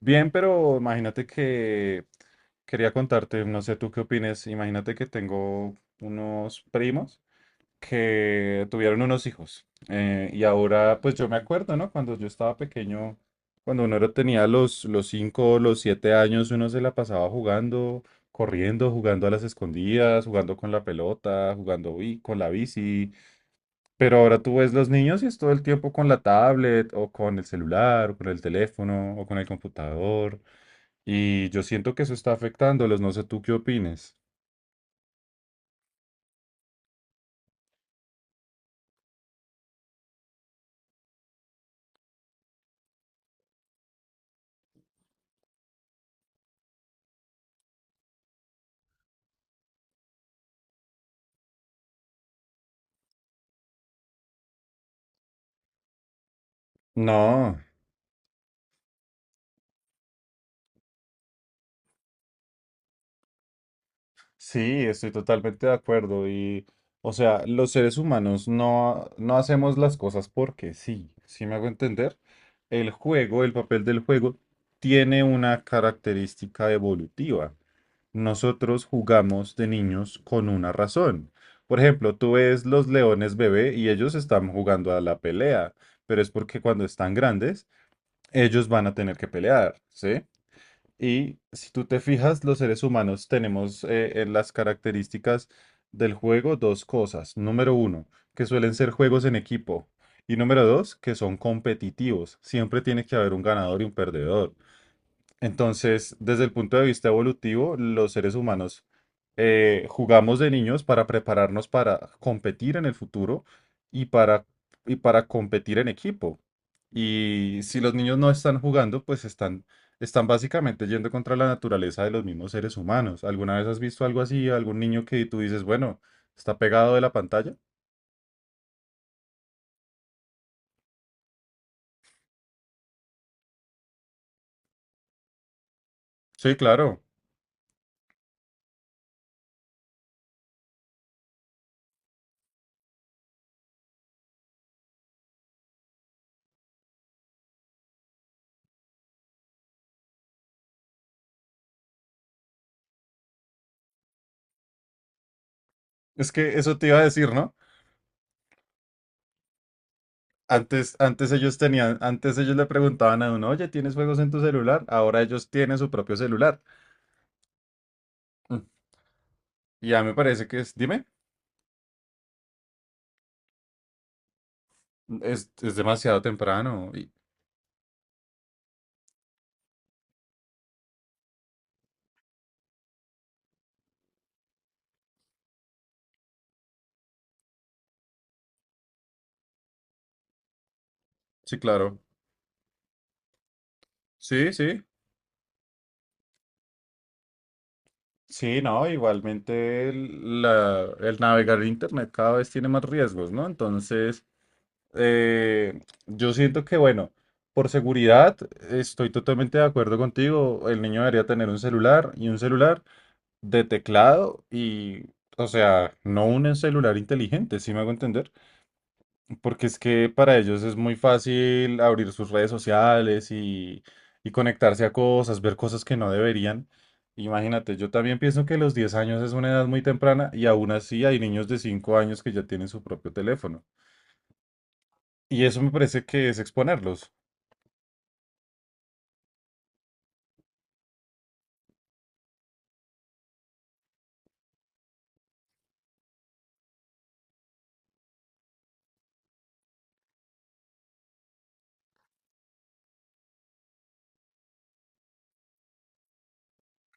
Bien, pero imagínate que quería contarte, no sé tú qué opines, imagínate que tengo unos primos que tuvieron unos hijos y ahora pues yo me acuerdo, ¿no? Cuando yo estaba pequeño, cuando uno tenía los 5, los 7 años, uno se la pasaba jugando, corriendo, jugando a las escondidas, jugando con la pelota, jugando con la bici, pero ahora tú ves los niños y es todo el tiempo con la tablet o con el celular o con el teléfono o con el computador. Y yo siento que eso está afectándolos. No sé tú qué opines. No, sí, estoy totalmente de acuerdo. Y, o sea, los seres humanos no, no hacemos las cosas porque sí. ¿Sí me hago entender? El juego, el papel del juego, tiene una característica evolutiva. Nosotros jugamos de niños con una razón. Por ejemplo, tú ves los leones bebé y ellos están jugando a la pelea, pero es porque cuando están grandes, ellos van a tener que pelear, ¿sí? Y si tú te fijas, los seres humanos tenemos en las características del juego dos cosas. Número uno, que suelen ser juegos en equipo. Y número dos, que son competitivos. Siempre tiene que haber un ganador y un perdedor. Entonces, desde el punto de vista evolutivo, los seres humanos jugamos de niños para prepararnos para competir en el futuro y para, y para competir en equipo. Y si los niños no están jugando, pues están básicamente yendo contra la naturaleza de los mismos seres humanos. ¿Alguna vez has visto algo así? ¿Algún niño que tú dices, bueno, está pegado de la pantalla? Sí, claro. Es que eso te iba a decir, ¿no? Antes ellos le preguntaban a uno, oye, ¿tienes juegos en tu celular? Ahora ellos tienen su propio celular. Mm. Y ya me parece que es, dime, es demasiado temprano. Sí, claro. Sí, sí. Sí, no, igualmente el navegar en internet cada vez tiene más riesgos, ¿no? Entonces, yo siento que, bueno, por seguridad, estoy totalmente de acuerdo contigo. El niño debería tener un celular y un celular de teclado y, o sea, no un celular inteligente, si me hago entender, porque es que para ellos es muy fácil abrir sus redes sociales y conectarse a cosas, ver cosas que no deberían. Imagínate, yo también pienso que los 10 años es una edad muy temprana y aún así hay niños de 5 años que ya tienen su propio teléfono. Y eso me parece que es exponerlos.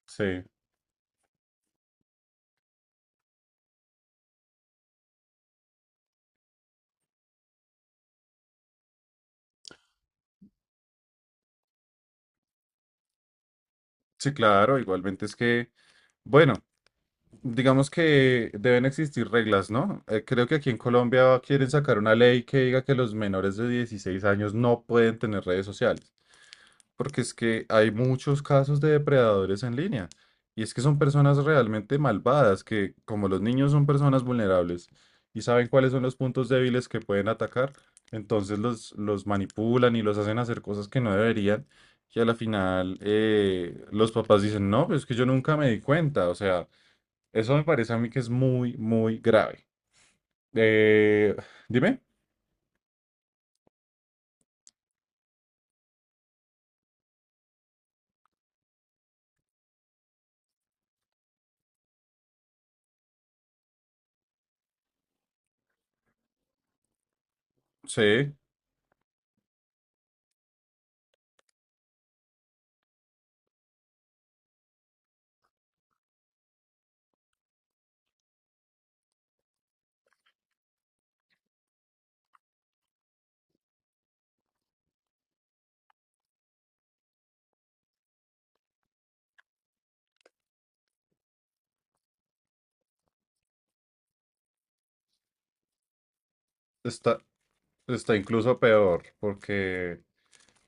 Sí, sí, claro, igualmente es que, bueno. Digamos que deben existir reglas, ¿no? Creo que aquí en Colombia quieren sacar una ley que diga que los menores de 16 años no pueden tener redes sociales, porque es que hay muchos casos de depredadores en línea, y es que son personas realmente malvadas, que como los niños son personas vulnerables y saben cuáles son los puntos débiles que pueden atacar, entonces los manipulan y los hacen hacer cosas que no deberían, y a la final los papás dicen, no, pero es que yo nunca me di cuenta, o sea. Eso me parece a mí que es muy, muy grave. Eh, dime, sí, está, está incluso peor, porque,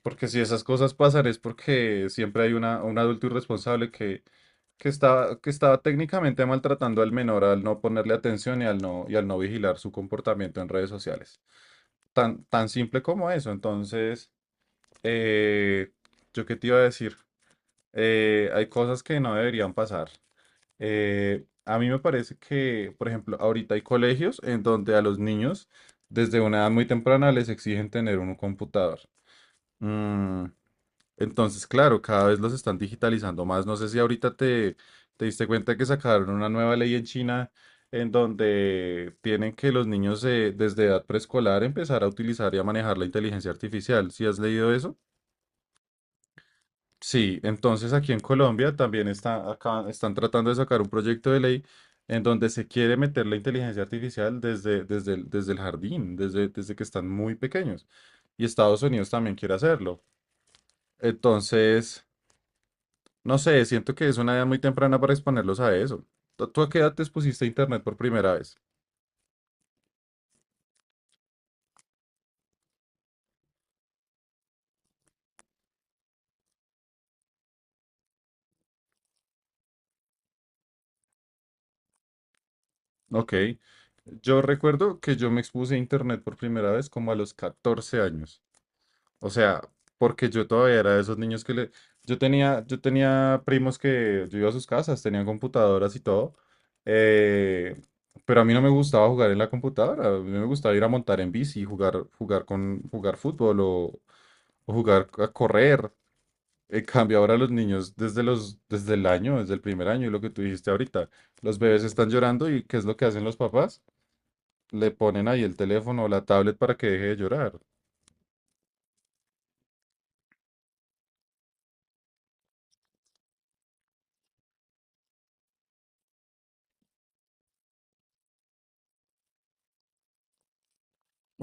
porque si esas cosas pasan es porque siempre hay un adulto irresponsable que estaba técnicamente maltratando al menor al no ponerle atención y al no vigilar su comportamiento en redes sociales. Tan, tan simple como eso. Entonces, eh, ¿yo qué te iba a decir? Hay cosas que no deberían pasar. A mí me parece que, por ejemplo, ahorita hay colegios en donde a los niños desde una edad muy temprana les exigen tener un computador. Mm, entonces, claro, cada vez los están digitalizando más. No sé si ahorita te diste cuenta que sacaron una nueva ley en China en donde tienen que los niños desde edad preescolar empezar a utilizar y a manejar la inteligencia artificial. ¿Si has leído eso? Sí, entonces aquí en Colombia también está, acá, están tratando de sacar un proyecto de ley en donde se quiere meter la inteligencia artificial desde el jardín, desde que están muy pequeños. Y Estados Unidos también quiere hacerlo. Entonces, no sé, siento que es una edad muy temprana para exponerlos a eso. ¿Tú a qué edad te expusiste a Internet por primera vez? Ok, yo recuerdo que yo me expuse a Internet por primera vez como a los 14 años. O sea, porque yo todavía era de esos niños que le. Yo tenía primos que yo iba a sus casas, tenían computadoras y todo, eh, pero a mí no me gustaba jugar en la computadora, a mí me gustaba ir a montar en bici, jugar fútbol o jugar a correr. En cambio, ahora los niños, desde el primer año, y lo que tú dijiste ahorita, los bebés están llorando y ¿qué es lo que hacen los papás? Le ponen ahí el teléfono o la tablet para que deje de llorar.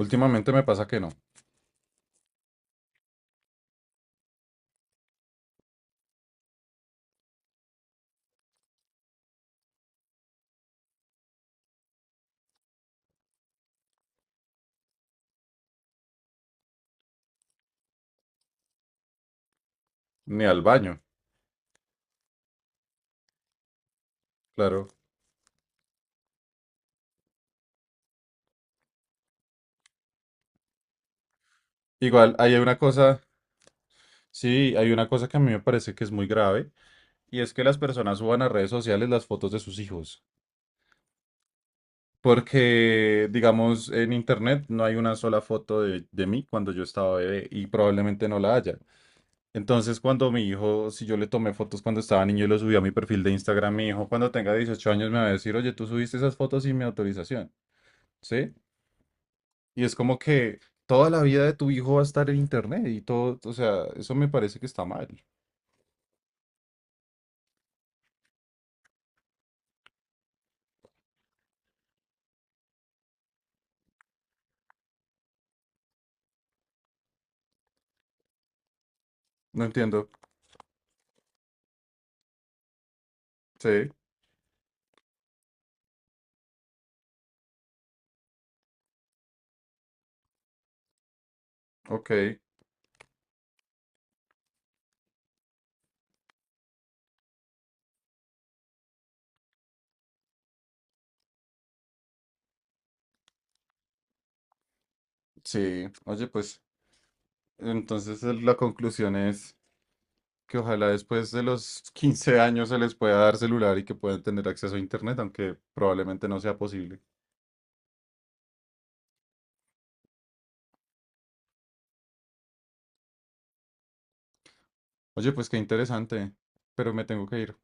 Últimamente me pasa que no, ni al baño. Claro. Igual, ahí hay una cosa, sí, hay una cosa que a mí me parece que es muy grave, y es que las personas suban a redes sociales las fotos de sus hijos. Porque, digamos, en internet no hay una sola foto de mí cuando yo estaba bebé, y probablemente no la haya. Entonces, cuando mi hijo, si yo le tomé fotos cuando estaba niño y lo subí a mi perfil de Instagram, mi hijo cuando tenga 18 años me va a decir, oye, tú subiste esas fotos sin mi autorización, ¿sí? Y es como que toda la vida de tu hijo va a estar en internet y todo, o sea, eso me parece que está mal. No entiendo. Sí, ok, sí. Oye, pues entonces la conclusión es que ojalá después de los 15 años se les pueda dar celular y que puedan tener acceso a internet, aunque probablemente no sea posible. Oye, pues qué interesante, pero me tengo que ir.